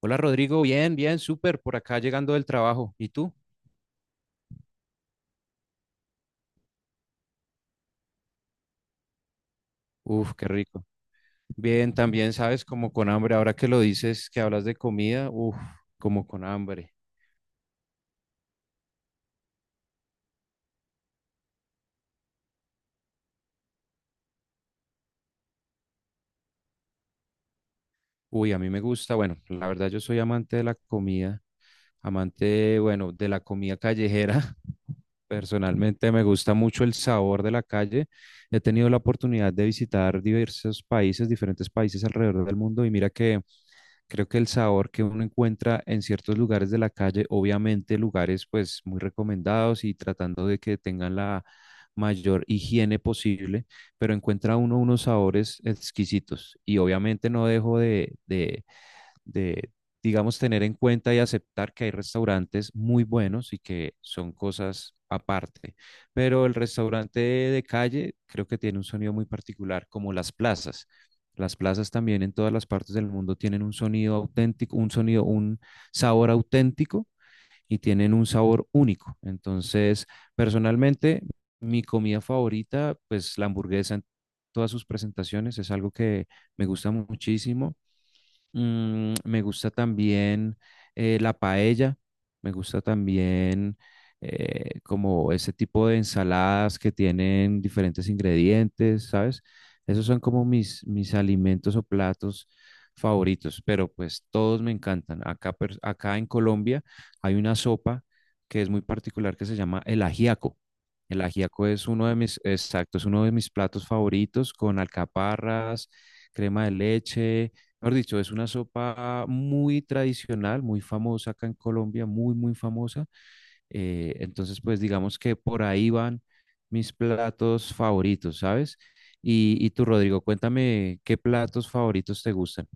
Hola Rodrigo, bien, bien, súper, por acá llegando del trabajo. ¿Y tú? Uf, qué rico. Bien, también sabes, como con hambre, ahora que lo dices, que hablas de comida, como con hambre. Uy, a mí me gusta, bueno, la verdad yo soy amante de la comida, amante, bueno, de la comida callejera. Personalmente me gusta mucho el sabor de la calle. He tenido la oportunidad de visitar diversos países, diferentes países alrededor del mundo y mira que creo que el sabor que uno encuentra en ciertos lugares de la calle, obviamente lugares pues muy recomendados y tratando de que tengan la mayor higiene posible, pero encuentra uno unos sabores exquisitos. Y obviamente no dejo de, digamos, tener en cuenta y aceptar que hay restaurantes muy buenos y que son cosas aparte. Pero el restaurante de calle creo que tiene un sonido muy particular, como las plazas. Las plazas también en todas las partes del mundo tienen un sonido auténtico, un sonido, un sabor auténtico y tienen un sabor único. Entonces, personalmente, mi comida favorita, pues la hamburguesa en todas sus presentaciones, es algo que me gusta muchísimo. Me gusta también la paella, me gusta también como ese tipo de ensaladas que tienen diferentes ingredientes, ¿sabes? Esos son como mis alimentos o platos favoritos, pero pues todos me encantan. Acá, acá en Colombia hay una sopa que es muy particular que se llama el ajiaco. El ajiaco es uno de mis, exacto, es uno de mis platos favoritos con alcaparras, crema de leche. Mejor dicho, es una sopa muy tradicional, muy famosa acá en Colombia, muy, muy famosa. Entonces, pues digamos que por ahí van mis platos favoritos, ¿sabes? Y tú, Rodrigo, cuéntame qué platos favoritos te gustan.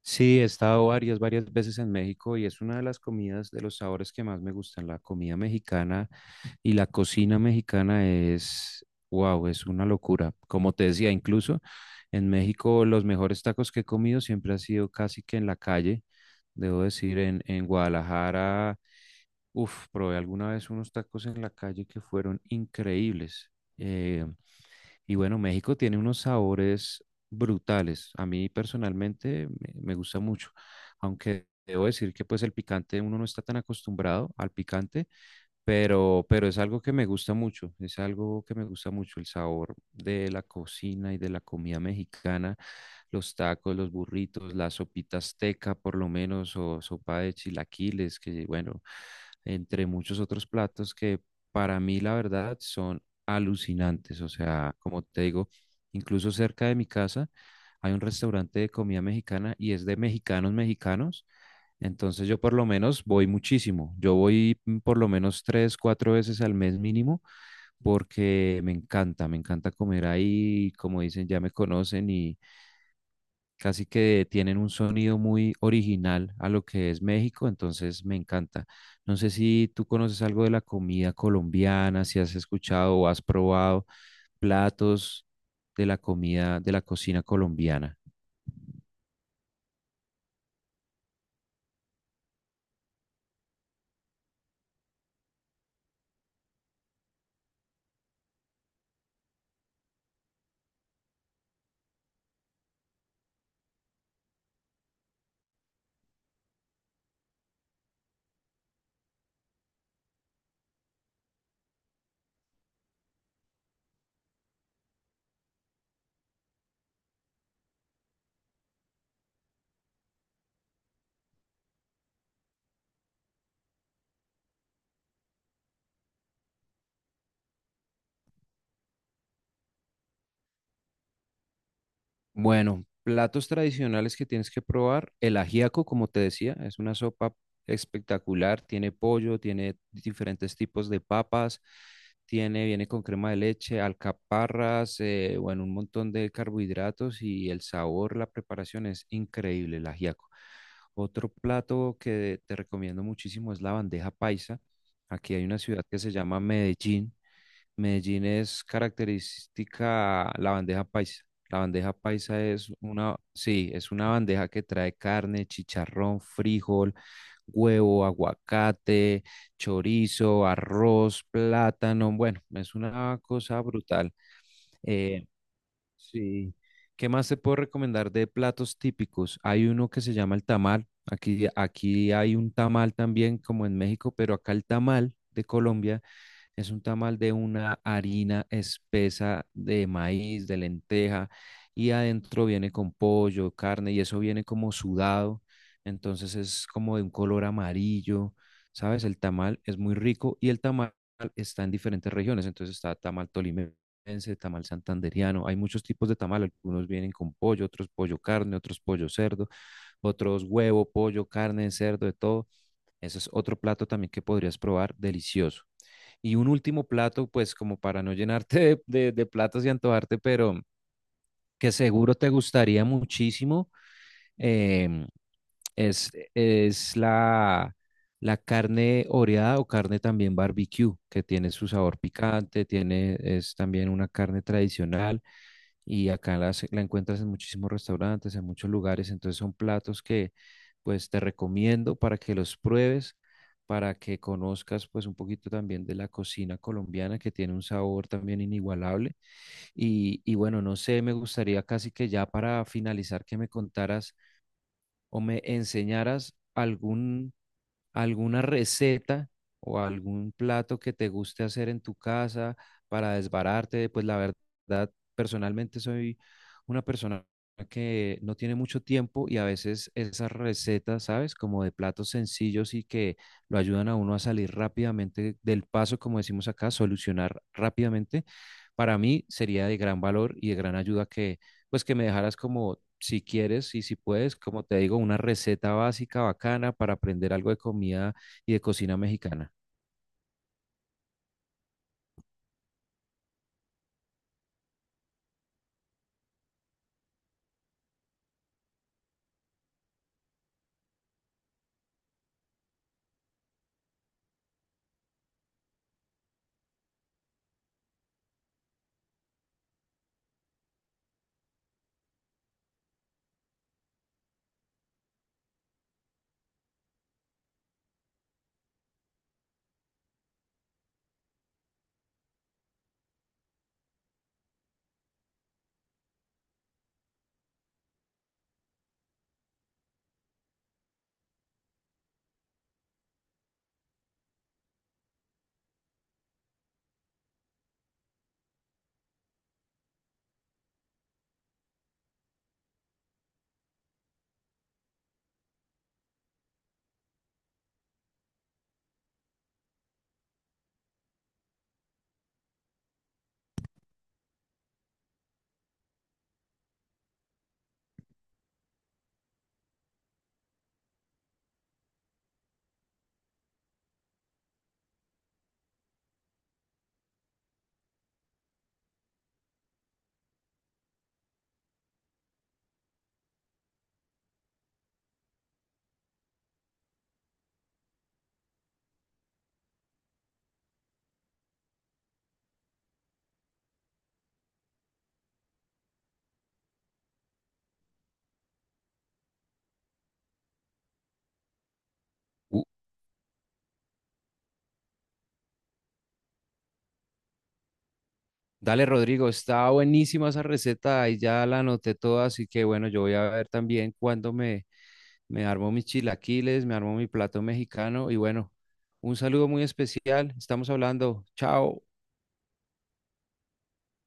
Sí, he estado varias, varias veces en México y es una de las comidas, de los sabores que más me gustan, la comida mexicana. Y la cocina mexicana es, wow, es una locura. Como te decía, incluso en México los mejores tacos que he comido siempre han sido casi que en la calle. Debo decir, en Guadalajara, uf, probé alguna vez unos tacos en la calle que fueron increíbles. Eh, y bueno, México tiene unos sabores brutales. A mí personalmente me gusta mucho, aunque debo decir que pues el picante uno no está tan acostumbrado al picante, pero es algo que me gusta mucho, es algo que me gusta mucho, el sabor de la cocina y de la comida mexicana, los tacos, los burritos, la sopita azteca por lo menos, o sopa de chilaquiles, que bueno, entre muchos otros platos que para mí la verdad son alucinantes, o sea, como te digo, incluso cerca de mi casa hay un restaurante de comida mexicana y es de mexicanos mexicanos, entonces yo por lo menos voy muchísimo. Yo voy por lo menos tres, cuatro veces al mes mínimo, porque me encanta comer ahí. Como dicen, ya me conocen y casi que tienen un sonido muy original a lo que es México, entonces me encanta. No sé si tú conoces algo de la comida colombiana, si has escuchado o has probado platos de la comida, de la cocina colombiana. Bueno, platos tradicionales que tienes que probar. El ajiaco, como te decía, es una sopa espectacular. Tiene pollo, tiene diferentes tipos de papas, tiene, viene con crema de leche, alcaparras, bueno, un montón de carbohidratos y el sabor, la preparación es increíble, el ajiaco. Otro plato que te recomiendo muchísimo es la bandeja paisa. Aquí hay una ciudad que se llama Medellín. Medellín es característica la bandeja paisa. La bandeja paisa es una, sí, es una bandeja que trae carne, chicharrón, frijol, huevo, aguacate, chorizo, arroz, plátano. Bueno, es una cosa brutal. Eh, sí. ¿Qué más te puedo recomendar de platos típicos? Hay uno que se llama el tamal. Aquí, aquí hay un tamal también, como en México, pero acá el tamal de Colombia es un tamal de una harina espesa de maíz, de lenteja, y adentro viene con pollo, carne, y eso viene como sudado, entonces es como de un color amarillo, ¿sabes? El tamal es muy rico y el tamal está en diferentes regiones, entonces está tamal tolimense, tamal santanderiano, hay muchos tipos de tamal, algunos vienen con pollo, otros pollo carne, otros pollo cerdo, otros huevo, pollo, carne, cerdo, de todo. Ese es otro plato también que podrías probar, delicioso. Y un último plato, pues como para no llenarte de platos y antojarte, pero que seguro te gustaría muchísimo, em, es la, la carne oreada o carne también barbecue, que tiene su sabor picante, tiene, es también una carne tradicional y acá la encuentras en muchísimos restaurantes, en muchos lugares, entonces son platos que pues te recomiendo para que los pruebes, para que conozcas pues un poquito también de la cocina colombiana que tiene un sabor también inigualable. Y, y bueno, no sé, me gustaría casi que ya para finalizar que me contaras o me enseñaras algún, alguna receta o algún plato que te guste hacer en tu casa, para desbararte, pues la verdad, personalmente soy una persona que no tiene mucho tiempo y a veces esas recetas, ¿sabes? Como de platos sencillos y que lo ayudan a uno a salir rápidamente del paso, como decimos acá, solucionar rápidamente, para mí sería de gran valor y de gran ayuda que, pues que me dejaras como si quieres y si puedes, como te digo, una receta básica bacana para aprender algo de comida y de cocina mexicana. Uh, dale, Rodrigo, está buenísima esa receta, ahí ya la anoté toda, así que bueno, yo voy a ver también me armo mis chilaquiles, me armo mi plato mexicano y bueno, un saludo muy especial, estamos hablando, chao.